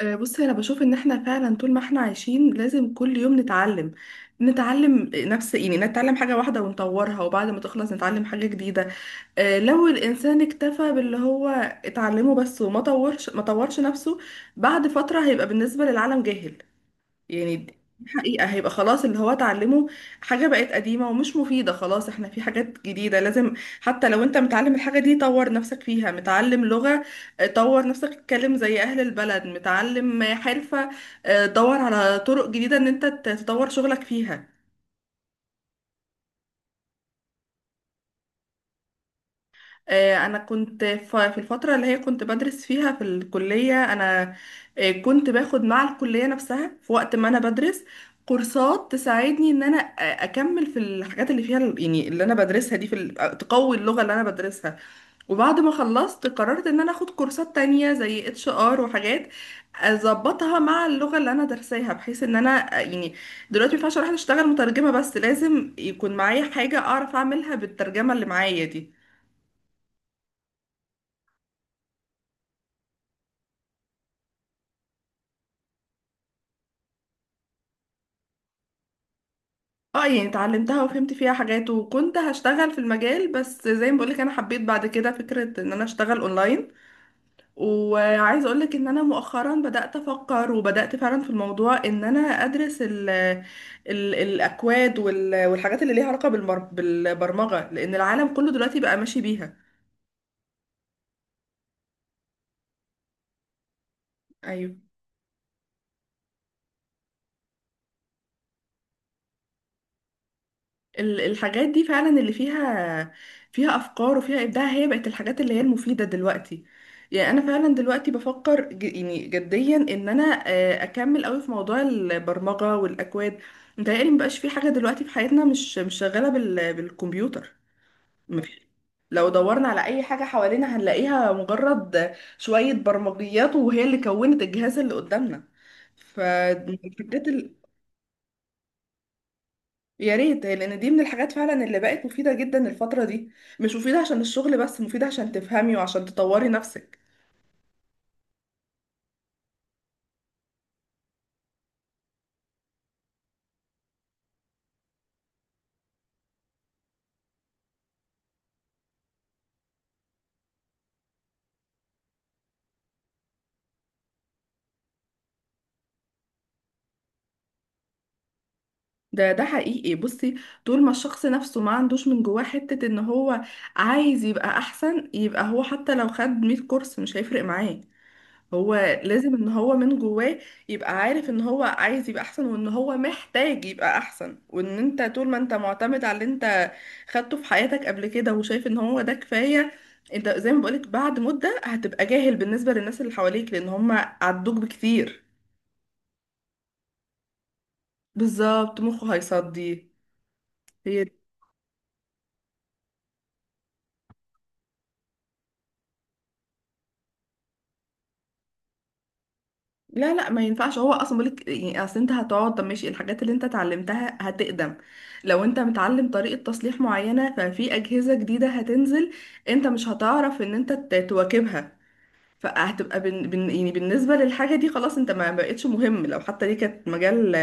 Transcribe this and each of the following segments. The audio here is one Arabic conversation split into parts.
بصي، انا بشوف ان احنا فعلا طول ما احنا عايشين لازم كل يوم نتعلم نفس، يعني نتعلم حاجة واحدة ونطورها، وبعد ما تخلص نتعلم حاجة جديدة. لو الانسان اكتفى باللي هو اتعلمه بس وما طورش ما طورش نفسه، بعد فترة هيبقى بالنسبة للعالم جاهل. يعني دي حقيقة، هيبقى خلاص اللي هو اتعلمه حاجة بقت قديمة ومش مفيدة. خلاص احنا في حاجات جديدة لازم، حتى لو انت متعلم الحاجة دي طور نفسك فيها. متعلم لغة، اه، طور نفسك تتكلم زي اهل البلد. متعلم حرفة، اه، دور على طرق جديدة ان انت تطور شغلك فيها. انا كنت في الفتره اللي هي كنت بدرس فيها في الكليه، انا كنت باخد مع الكليه نفسها في وقت ما انا بدرس كورسات تساعدني ان انا اكمل في الحاجات اللي فيها يعني اللي انا بدرسها دي، في تقوي اللغه اللي انا بدرسها. وبعد ما خلصت قررت ان انا اخد كورسات تانية زي HR، وحاجات اظبطها مع اللغه اللي انا درساها، بحيث ان انا يعني دلوقتي ما ينفعش اروح اشتغل مترجمه بس، لازم يكون معايا حاجه اعرف اعملها بالترجمه اللي معايا دي. اه يعني اتعلمتها وفهمت فيها حاجات، وكنت هشتغل في المجال، بس زي ما بقولك انا حبيت بعد كده فكرة ان انا اشتغل اونلاين. وعايزة اقولك ان انا مؤخرا بدأت افكر، وبدأت فعلا في الموضوع ان انا ادرس ال الاكواد والحاجات اللي ليها علاقة بالبرمجة، لان العالم كله دلوقتي بقى ماشي بيها. ايوه، الحاجات دي فعلا اللي فيها، فيها افكار وفيها ابداع، هي بقت الحاجات اللي هي المفيده دلوقتي. يعني انا فعلا دلوقتي بفكر يعني جديا ان انا اكمل قوي في موضوع البرمجه والاكواد. متهيألي مبقاش في حاجه دلوقتي في حياتنا مش شغاله بالكمبيوتر. مفيش، لو دورنا على اي حاجه حوالينا هنلاقيها مجرد شويه برمجيات، وهي اللي كونت الجهاز اللي قدامنا. ف- يا ريت، لان دي من الحاجات فعلا اللي بقت مفيدة جدا الفترة دي. مش مفيدة عشان الشغل بس، مفيدة عشان تفهمي وعشان تطوري نفسك. ده حقيقي، بصي، طول ما الشخص نفسه ما عندوش من جواه حتة ان هو عايز يبقى احسن، يبقى هو حتى لو خد 100 كورس مش هيفرق معاه. هو لازم ان هو من جواه يبقى عارف ان هو عايز يبقى احسن، وان هو محتاج يبقى احسن. وان انت طول ما انت معتمد على اللي انت خدته في حياتك قبل كده، وشايف ان هو ده كفاية، انت زي ما بقولك بعد مدة هتبقى جاهل بالنسبة للناس اللي حواليك، لان هم عدوك بكتير. بالظبط، مخه هيصدي. هي لا لا، ما ينفعش. هو اصلا بقولك يعني، اصل انت هتقعد. طب ماشي، الحاجات اللي انت اتعلمتها هتقدم. لو انت متعلم طريقة تصليح معينة، ففي اجهزة جديدة هتنزل، انت مش هتعرف ان انت تواكبها. فهتبقى يعني بالنسبة للحاجة دي خلاص انت ما بقتش مهم، لو حتى دي كانت مجال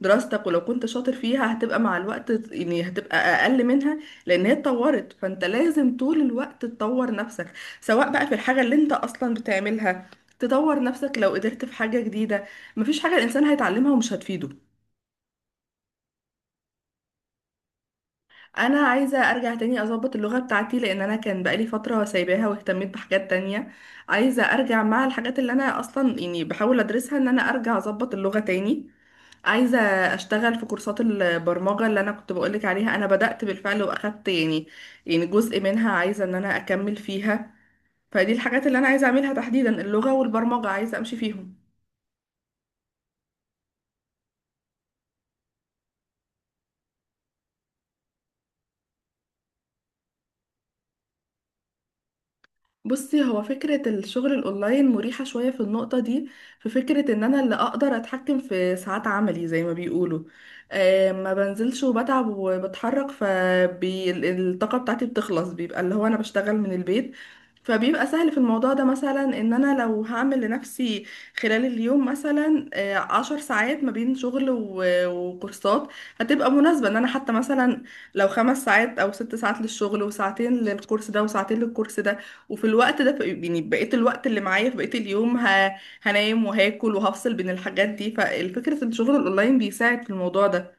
دراستك، ولو كنت شاطر فيها هتبقى مع الوقت يعني هتبقى أقل منها، لأن هي اتطورت. فانت لازم طول الوقت تطور نفسك، سواء بقى في الحاجة اللي انت أصلا بتعملها تطور نفسك، لو قدرت في حاجة جديدة. مفيش حاجة الإنسان هيتعلمها ومش هتفيده. انا عايزه ارجع تاني اظبط اللغه بتاعتي، لان انا كان بقالي فتره سايباها واهتميت بحاجات تانية. عايزه ارجع مع الحاجات اللي انا اصلا يعني بحاول ادرسها، ان انا ارجع اظبط اللغه تاني. عايزه اشتغل في كورسات البرمجه اللي انا كنت بقولك عليها، انا بدات بالفعل واخدت يعني، يعني جزء منها، عايزه ان انا اكمل فيها. فدي الحاجات اللي انا عايزه اعملها تحديدا، اللغه والبرمجه عايزه امشي فيهم. بصي، هو فكرة الشغل الأونلاين مريحة شوية في النقطة دي. في فكرة إن أنا اللي أقدر أتحكم في ساعات عملي زي ما بيقولوا. ما بنزلش وبتعب وبتحرك فالطاقة بتاعتي بتخلص، بيبقى اللي هو أنا بشتغل من البيت. فبيبقى سهل في الموضوع ده، مثلا إن أنا لو هعمل لنفسي خلال اليوم مثلا 10 ساعات ما بين شغل وكورسات، هتبقى مناسبة إن أنا حتى مثلا لو خمس ساعات أو ست ساعات للشغل، وساعتين للكورس ده وساعتين للكورس ده، وفي الوقت ده يعني بقيت الوقت اللي معايا في بقية اليوم هنام وهاكل وهفصل بين الحاجات دي. فالفكرة ان الشغل الاونلاين بيساعد في الموضوع ده.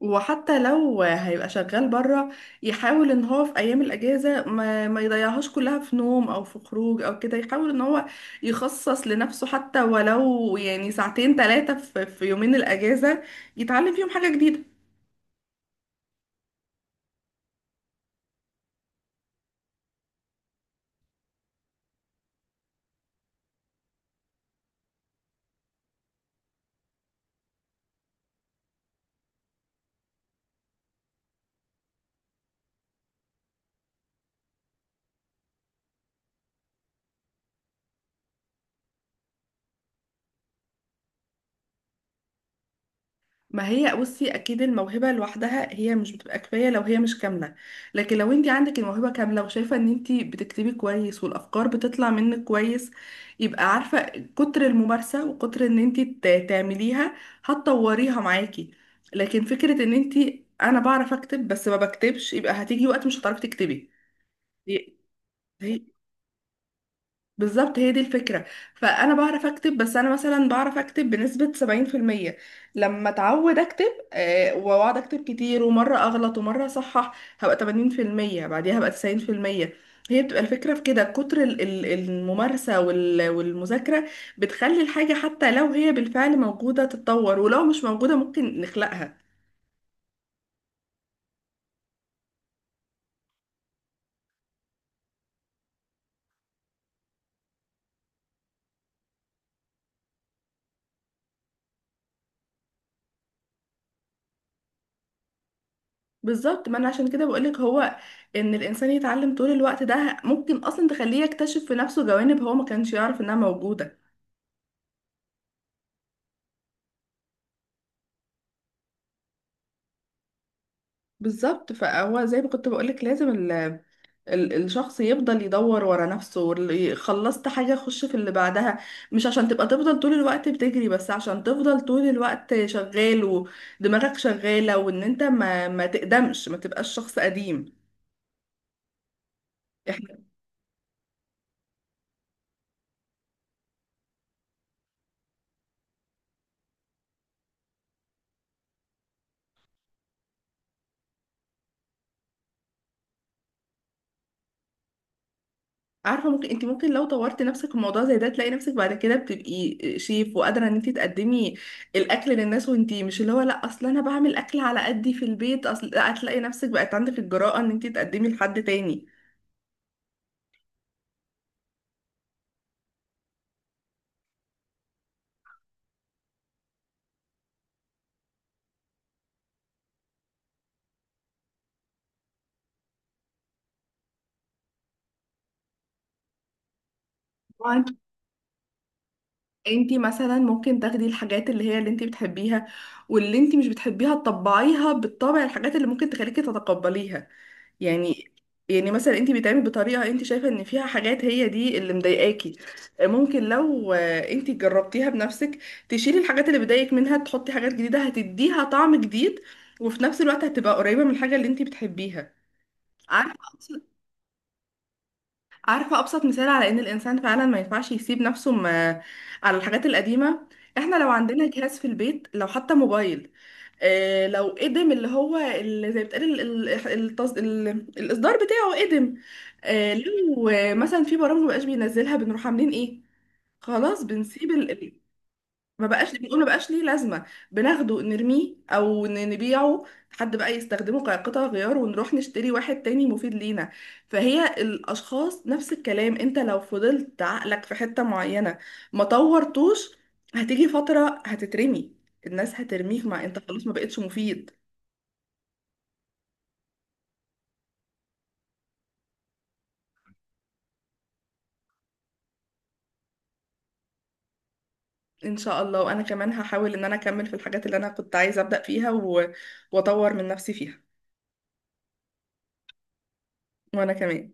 وحتى لو هيبقى شغال بره، يحاول ان هو في ايام الاجازة ما يضيعهاش كلها في نوم او في خروج او كده، يحاول ان هو يخصص لنفسه حتى ولو يعني ساعتين ثلاثة في يومين الاجازة يتعلم فيهم حاجة جديدة. ما هي بصي اكيد الموهبه لوحدها هي مش بتبقى كفايه لو هي مش كامله. لكن لو انت عندك الموهبه كامله، وشايفه ان انت بتكتبي كويس، والافكار بتطلع منك كويس، يبقى عارفه كتر الممارسه، وكتر ان انت تعمليها هتطوريها معاكي. لكن فكره ان انت انا بعرف اكتب بس ما بكتبش، يبقى هتيجي وقت مش هتعرفي تكتبي. هي- بالظبط، هي دي الفكرة. فأنا بعرف أكتب، بس أنا مثلا بعرف أكتب بنسبة 70%. لما أتعود أكتب، وأقعد أكتب كتير ومرة أغلط ومرة أصحح، هبقى 80%، بعديها هبقى 90%. هي بتبقى الفكرة في كده، كتر الممارسة والمذاكرة بتخلي الحاجة حتى لو هي بالفعل موجودة تتطور، ولو مش موجودة ممكن نخلقها. بالظبط، ما انا عشان كده بقولك، هو ان الانسان يتعلم طول الوقت، ده ممكن اصلا تخليه يكتشف في نفسه جوانب هو ما كانش يعرف انها موجودة. بالظبط، فهو زي ما كنت بقولك لازم ال الشخص يفضل يدور ورا نفسه، خلصت حاجة خش في اللي بعدها. مش عشان تبقى تفضل طول الوقت بتجري، بس عشان تفضل طول الوقت شغال ودماغك شغالة، وان انت ما تقدمش، ما تبقاش شخص قديم. احنا عارفة، ممكن انت ممكن لو طورت نفسك في موضوع زي ده، تلاقي نفسك بعد كده بتبقي شيف، وقادرة ان انت تقدمي الاكل للناس، وانت مش اللي هو لا اصل انا بعمل اكل على قدي في البيت، اصل لا، هتلاقي نفسك بقت عندك الجرأة ان انت تقدمي لحد تاني. انت انت مثلا ممكن تاخدي الحاجات اللي هي اللي انت بتحبيها، واللي انت مش بتحبيها تطبعيها بالطبع الحاجات اللي ممكن تخليكي تتقبليها. يعني، يعني مثلا انت بتعملي بطريقه انت شايفه ان فيها حاجات هي دي اللي مضايقاكي، ممكن لو انت جربتيها بنفسك، تشيلي الحاجات اللي بتضايقك منها، تحطي حاجات جديده هتديها طعم جديد، وفي نفس الوقت هتبقى قريبه من الحاجه اللي انت بتحبيها. عارفه، عارفة أبسط مثال على إن الإنسان فعلا ما ينفعش يسيب نفسه على الحاجات القديمة. إحنا لو عندنا جهاز في البيت، لو حتى موبايل، لو قدم اللي هو اللي زي ما بتقال الإصدار بتاعه قدم، لو مثلا في برامج مبقاش بينزلها، بنروح عاملين إيه؟ خلاص بنسيب، ما بقاش، بنقول ما بقاش ليه لازمة، بناخده نرميه او نبيعه، حد بقى يستخدمه كقطع غيار، ونروح نشتري واحد تاني مفيد لينا. فهي الاشخاص نفس الكلام، انت لو فضلت عقلك في حتة معينة ما طورتوش، هتيجي فترة هتترمي، الناس هترميك مع انت خلاص ما بقتش مفيد. ان شاء الله، وانا كمان هحاول ان انا اكمل في الحاجات اللي انا كنت عايزة ابدأ فيها واطور من نفسي فيها. وانا كمان.